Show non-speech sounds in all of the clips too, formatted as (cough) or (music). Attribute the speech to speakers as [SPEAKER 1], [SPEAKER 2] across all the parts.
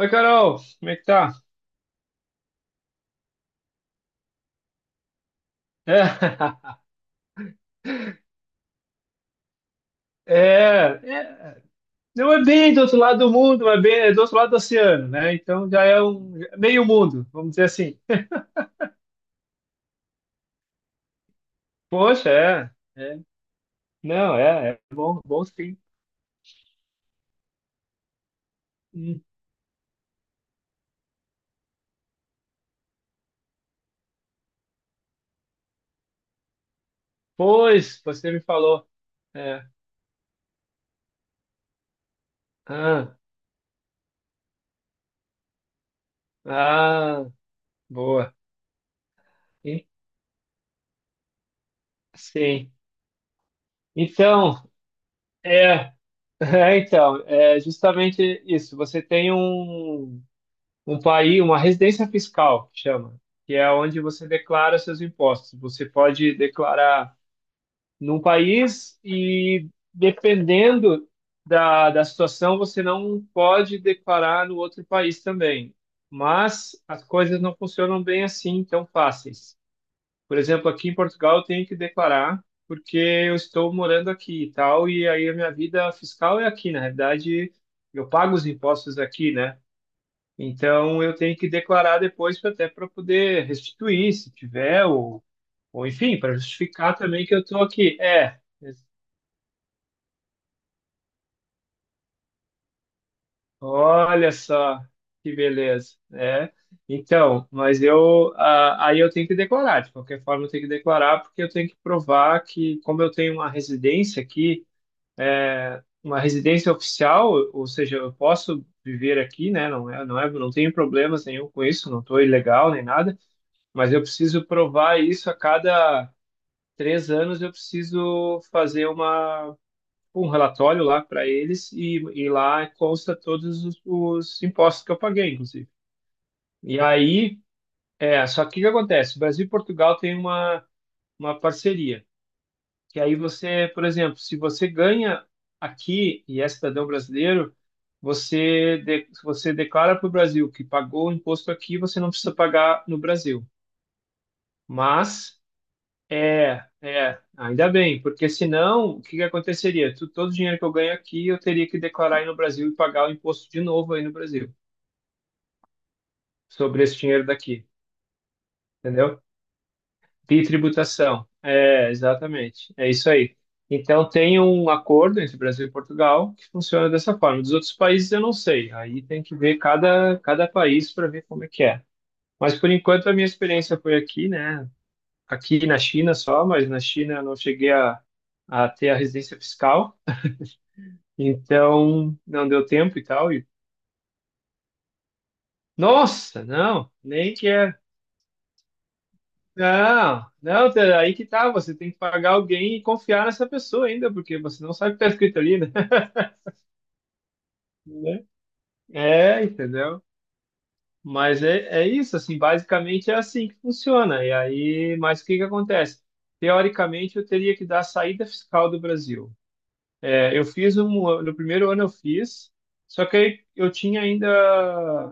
[SPEAKER 1] Oi, Carol, como é que tá? É, (laughs) é, é, não é bem do outro lado do mundo, mas bem, é do outro lado do oceano, né? Então já é um meio mundo, vamos dizer assim. (laughs) Poxa, é, é. Não, é bom, bom sim. Hum. Pois, você me falou. É. Ah, ah, boa. E- Sim. Então, é, (laughs) é então, é justamente isso. Você tem um país, uma residência fiscal, que chama, que é onde você declara seus impostos. Você pode declarar num país e, dependendo da situação, você não pode declarar no outro país também. Mas as coisas não funcionam bem assim, tão fáceis. Por exemplo, aqui em Portugal eu tenho que declarar porque eu estou morando aqui e tal, e aí a minha vida fiscal é aqui, na realidade eu pago os impostos aqui, né? Então eu tenho que declarar depois até para poder restituir, se tiver, ou enfim, para justificar também que eu estou aqui. É, olha só que beleza. É, então, mas eu aí eu tenho que declarar, de qualquer forma eu tenho que declarar, porque eu tenho que provar que, como eu tenho uma residência aqui, é, uma residência oficial, ou seja, eu posso viver aqui, né? Não tenho problemas nenhum com isso, não estou ilegal nem nada. Mas eu preciso provar isso a cada 3 anos. Eu preciso fazer um relatório lá para eles e lá consta todos os impostos que eu paguei, inclusive. E aí, só que o que acontece? O Brasil e Portugal têm uma parceria. Que aí você, por exemplo, se você ganha aqui e é cidadão brasileiro, você declara para o Brasil que pagou o imposto aqui, você não precisa pagar no Brasil. Mas é, ainda bem, porque senão o que que aconteceria? Todo o dinheiro que eu ganho aqui eu teria que declarar aí no Brasil e pagar o imposto de novo aí no Brasil sobre esse dinheiro daqui, entendeu? E tributação. É, exatamente. É isso aí. Então tem um acordo entre Brasil e Portugal que funciona dessa forma. Dos outros países eu não sei. Aí tem que ver cada país para ver como é que é. Mas por enquanto a minha experiência foi aqui, né? Aqui na China só, mas na China eu não cheguei a ter a residência fiscal. Então, não deu tempo e tal. Nossa, não, nem quero. Não, não, Tere, aí que tá. Você tem que pagar alguém e confiar nessa pessoa ainda, porque você não sabe o que tá escrito ali, né? (laughs) Né? É, entendeu? Mas é isso, assim, basicamente é assim que funciona. E aí, mas o que que acontece? Teoricamente, eu teria que dar saída fiscal do Brasil. É, eu fiz um, no primeiro ano eu fiz, só que aí eu tinha ainda,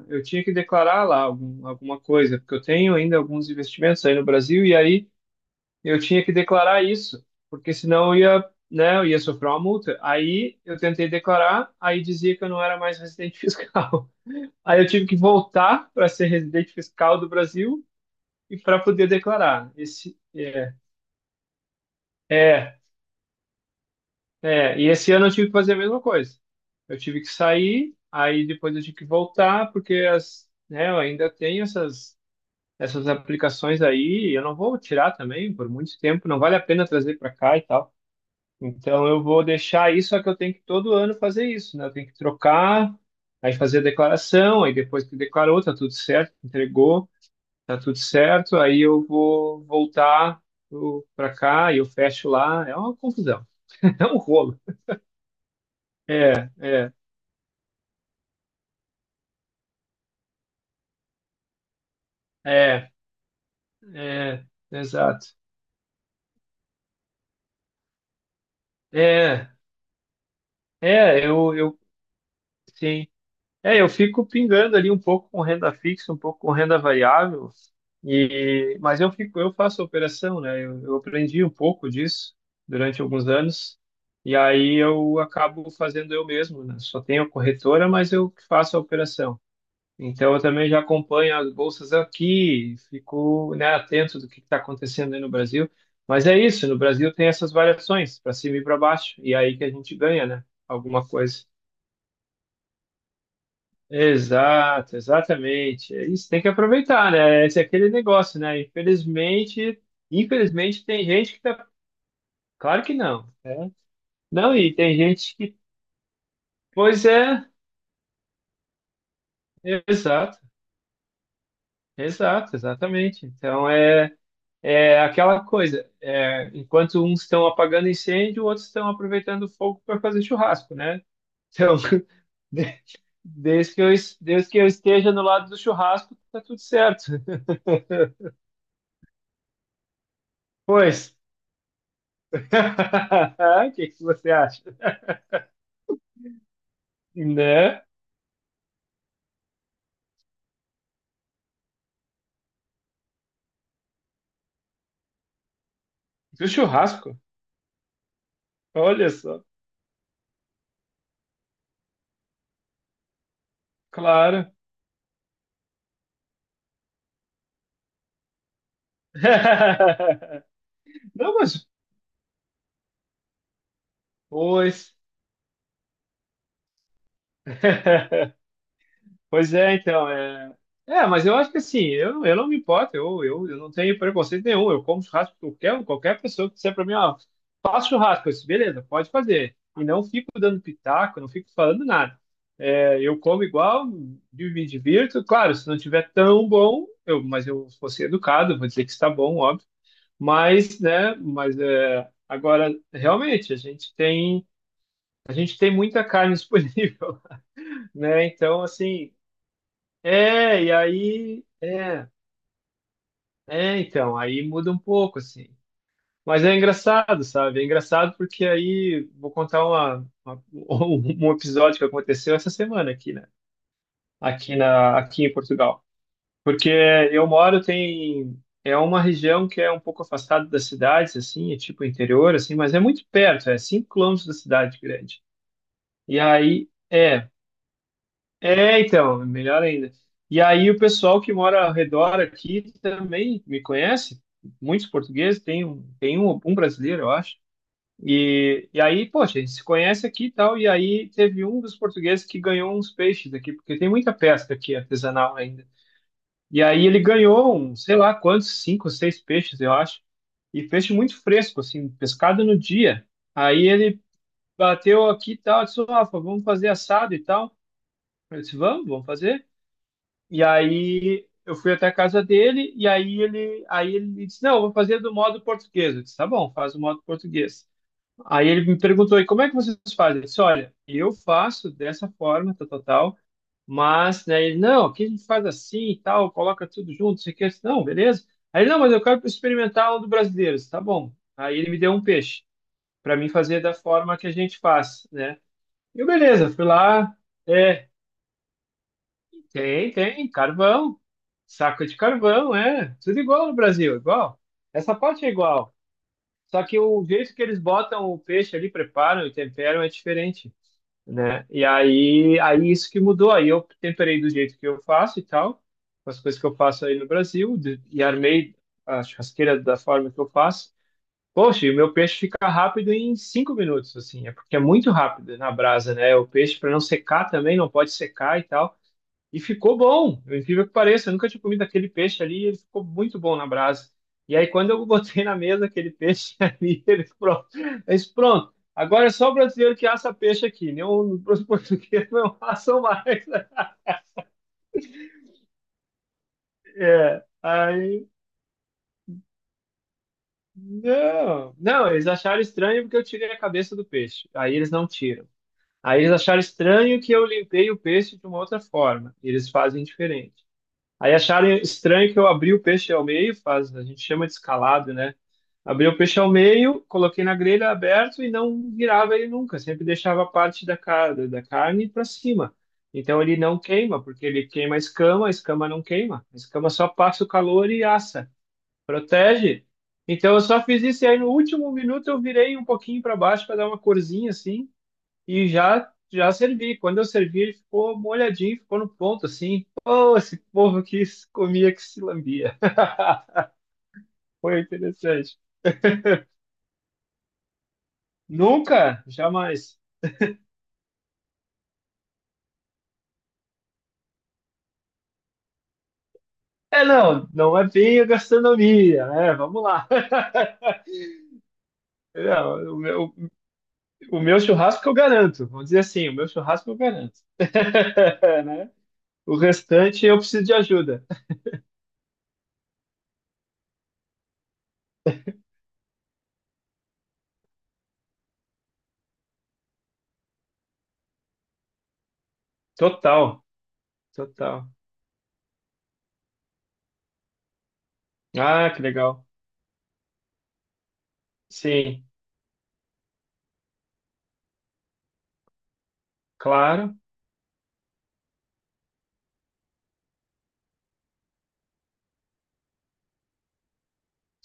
[SPEAKER 1] eu tinha que declarar lá alguma coisa, porque eu tenho ainda alguns investimentos aí no Brasil e aí eu tinha que declarar isso, porque senão eu ia, né, eu ia sofrer uma multa. Aí eu tentei declarar, aí dizia que eu não era mais residente fiscal. (laughs) Aí eu tive que voltar para ser residente fiscal do Brasil e para poder declarar. Esse é, é. É, e esse ano eu tive que fazer a mesma coisa. Eu tive que sair, aí depois eu tive que voltar, porque as, né, eu ainda tenho essas aplicações aí, e eu não vou tirar também por muito tempo, não vale a pena trazer para cá e tal. Então eu vou deixar isso, só que eu tenho que todo ano fazer isso, né? Eu tenho que trocar, aí fazer a declaração, aí depois que declarou, tá tudo certo, entregou, tá tudo certo, aí eu vou voltar para cá e eu fecho lá. É uma confusão, (laughs) é um rolo. É, é. É, é, exato. É, é, sim. É, eu fico pingando ali um pouco com renda fixa, um pouco com renda variável, mas eu faço operação, né? Eu aprendi um pouco disso durante alguns anos, e aí eu acabo fazendo eu mesmo, né? Só tenho a corretora, mas eu que faço a operação. Então, eu também já acompanho as bolsas aqui, fico, né, atento do que está acontecendo aí no Brasil. Mas é isso, no Brasil tem essas variações, para cima e para baixo, e aí que a gente ganha, né? Alguma coisa. Exato, exatamente. É isso, tem que aproveitar, né? Esse é aquele negócio, né? Infelizmente, tem gente que tá. Claro que não, né? Não, e tem gente que. Pois é, exato, exato, exatamente. Então é. É aquela coisa, é, enquanto uns estão apagando incêndio, outros estão aproveitando o fogo para fazer churrasco, né? Então, (laughs) de- desde que eu esteja no lado do churrasco, tá tudo certo. Pois, (laughs) o que que você acha? Né? Do churrasco? Olha só, claro. (laughs) Não, mas, pois. (laughs) Pois é, então, é... É, mas eu acho que assim, eu não me importo, eu não tenho preconceito nenhum, eu como churrasco com qualquer pessoa que disser pra mim, ó, faço churrasco, eu disse, beleza, pode fazer. E não fico dando pitaco, não fico falando nada. É, eu como igual, me divirto, claro, se não tiver tão bom, mas eu vou ser educado, vou dizer que está bom, óbvio, mas, né, mas é, agora, realmente, a gente tem muita carne disponível, (laughs) né, então, assim, é, e aí, é, é, então, aí muda um pouco, assim. Mas é engraçado, sabe? É engraçado porque aí vou contar (laughs) um episódio que aconteceu essa semana aqui, né? Aqui aqui em Portugal. Porque eu moro tem é uma região que é um pouco afastada das cidades, assim, é tipo interior, assim, mas é muito perto, é 5 quilômetros da cidade grande. E aí, é. É, então, melhor ainda. E aí o pessoal que mora ao redor aqui também me conhece, muitos portugueses, um brasileiro, eu acho. E aí, poxa, a gente se conhece aqui e tal, e aí teve um dos portugueses que ganhou uns peixes aqui, porque tem muita pesca aqui artesanal ainda. E aí ele ganhou, um, sei lá quantos, cinco ou seis peixes, eu acho, e peixe muito fresco, assim, pescado no dia. Aí ele bateu aqui e tal, disse, Rafa, vamos fazer assado e tal. Eu disse, vamos, vamos fazer. E aí eu fui até a casa dele e aí ele me disse, não, eu vou fazer do modo português. Eu disse, tá bom, faz do modo português. Aí ele me perguntou, e como é que vocês fazem? Eu disse, olha, eu faço dessa forma, tal, tal, tal, mas, né, ele, não, aqui a gente faz assim e tal, coloca tudo junto, isso aqui, eu disse, não, beleza. Aí ele, não, mas eu quero experimentar um do brasileiro. Eu disse, tá bom. Aí ele me deu um peixe para mim fazer da forma que a gente faz, né? Eu, beleza, fui lá, é, tem carvão. Saco de carvão, é. Tudo igual no Brasil, igual. Essa parte é igual. Só que o jeito que eles botam o peixe ali, preparam e temperam é diferente, né? E aí, isso que mudou. Aí eu temperei do jeito que eu faço e tal, com as coisas que eu faço aí no Brasil, e armei a churrasqueira da forma que eu faço. Poxa, e o meu peixe fica rápido em 5 minutos, assim. É porque é muito rápido na brasa, né? O peixe, para não secar também, não pode secar e tal. E ficou bom, eu incrível que pareça, eu nunca tinha comido aquele peixe ali, e ele ficou muito bom na brasa. E aí, quando eu (laughs) botei na mesa aquele peixe (laughs) ali, ele pronto, eu disse, pronto, agora é só o brasileiro que assa peixe aqui, né? Os (laughs) portugueses não assam mais. (laughs) É, aí, não, não, eles acharam estranho porque eu tirei a cabeça do peixe, aí eles não tiram. Aí eles acharam estranho que eu limpei o peixe de uma outra forma, eles fazem diferente. Aí acharam estranho que eu abri o peixe ao meio, faz, a gente chama de escalado, né? Abri o peixe ao meio, coloquei na grelha aberto e não virava ele nunca, sempre deixava a parte da carne para cima. Então ele não queima, porque ele queima a escama não queima, a escama só passa o calor e assa, protege. Então eu só fiz isso e aí no último minuto eu virei um pouquinho para baixo para dar uma corzinha assim e já já servi. Quando eu servi, ele ficou molhadinho, ficou no ponto assim. Pô, esse povo que se comia, que se lambia. (laughs) Foi interessante. Nunca, jamais. É, não, não é bem a gastronomia, né? Vamos lá. (laughs) Não, o meu churrasco eu garanto. Vamos dizer assim, o meu churrasco eu garanto. (laughs) Né? O restante eu preciso de ajuda. Total, total. Ah, que legal. Sim, claro.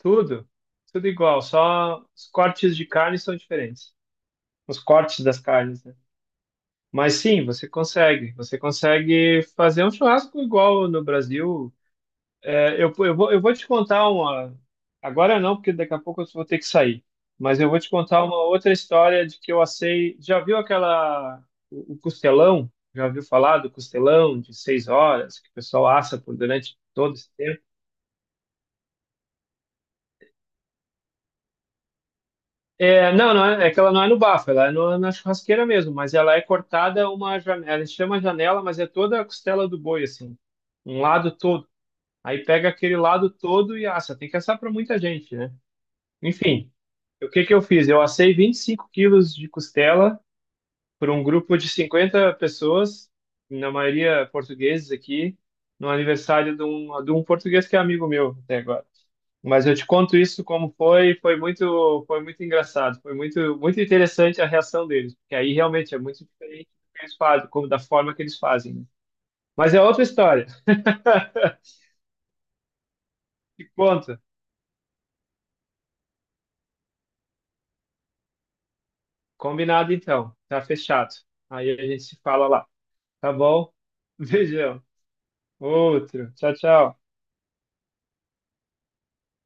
[SPEAKER 1] Tudo, tudo igual, só os cortes de carne são diferentes. Os cortes das carnes, né? Mas sim, você consegue. Você consegue fazer um churrasco igual no Brasil. Eu vou te contar uma. Agora não, porque daqui a pouco eu vou ter que sair. Mas eu vou te contar uma outra história de que eu assei. Já viu aquela. O costelão? Já ouviu falar do costelão de 6 horas, que o pessoal assa por durante todo esse tempo? É, não, é que ela não é no bafo, ela é na churrasqueira mesmo, mas ela é cortada uma janela, ela chama janela, mas é toda a costela do boi, assim, um lado todo. Aí pega aquele lado todo e assa, tem que assar para muita gente, né? Enfim, o que que eu fiz? Eu assei 25 quilos de costela por um grupo de 50 pessoas, na maioria portugueses aqui, no aniversário de um português que é amigo meu até agora. Mas eu te conto isso como foi, foi muito engraçado, foi muito, muito interessante a reação deles, porque aí realmente é muito diferente do que eles fazem, como da forma que eles fazem, né? Mas é outra história. (laughs) Te conto. Combinado então, tá fechado. Aí a gente se fala lá, tá bom? Beijão. Outro. Tchau, tchau.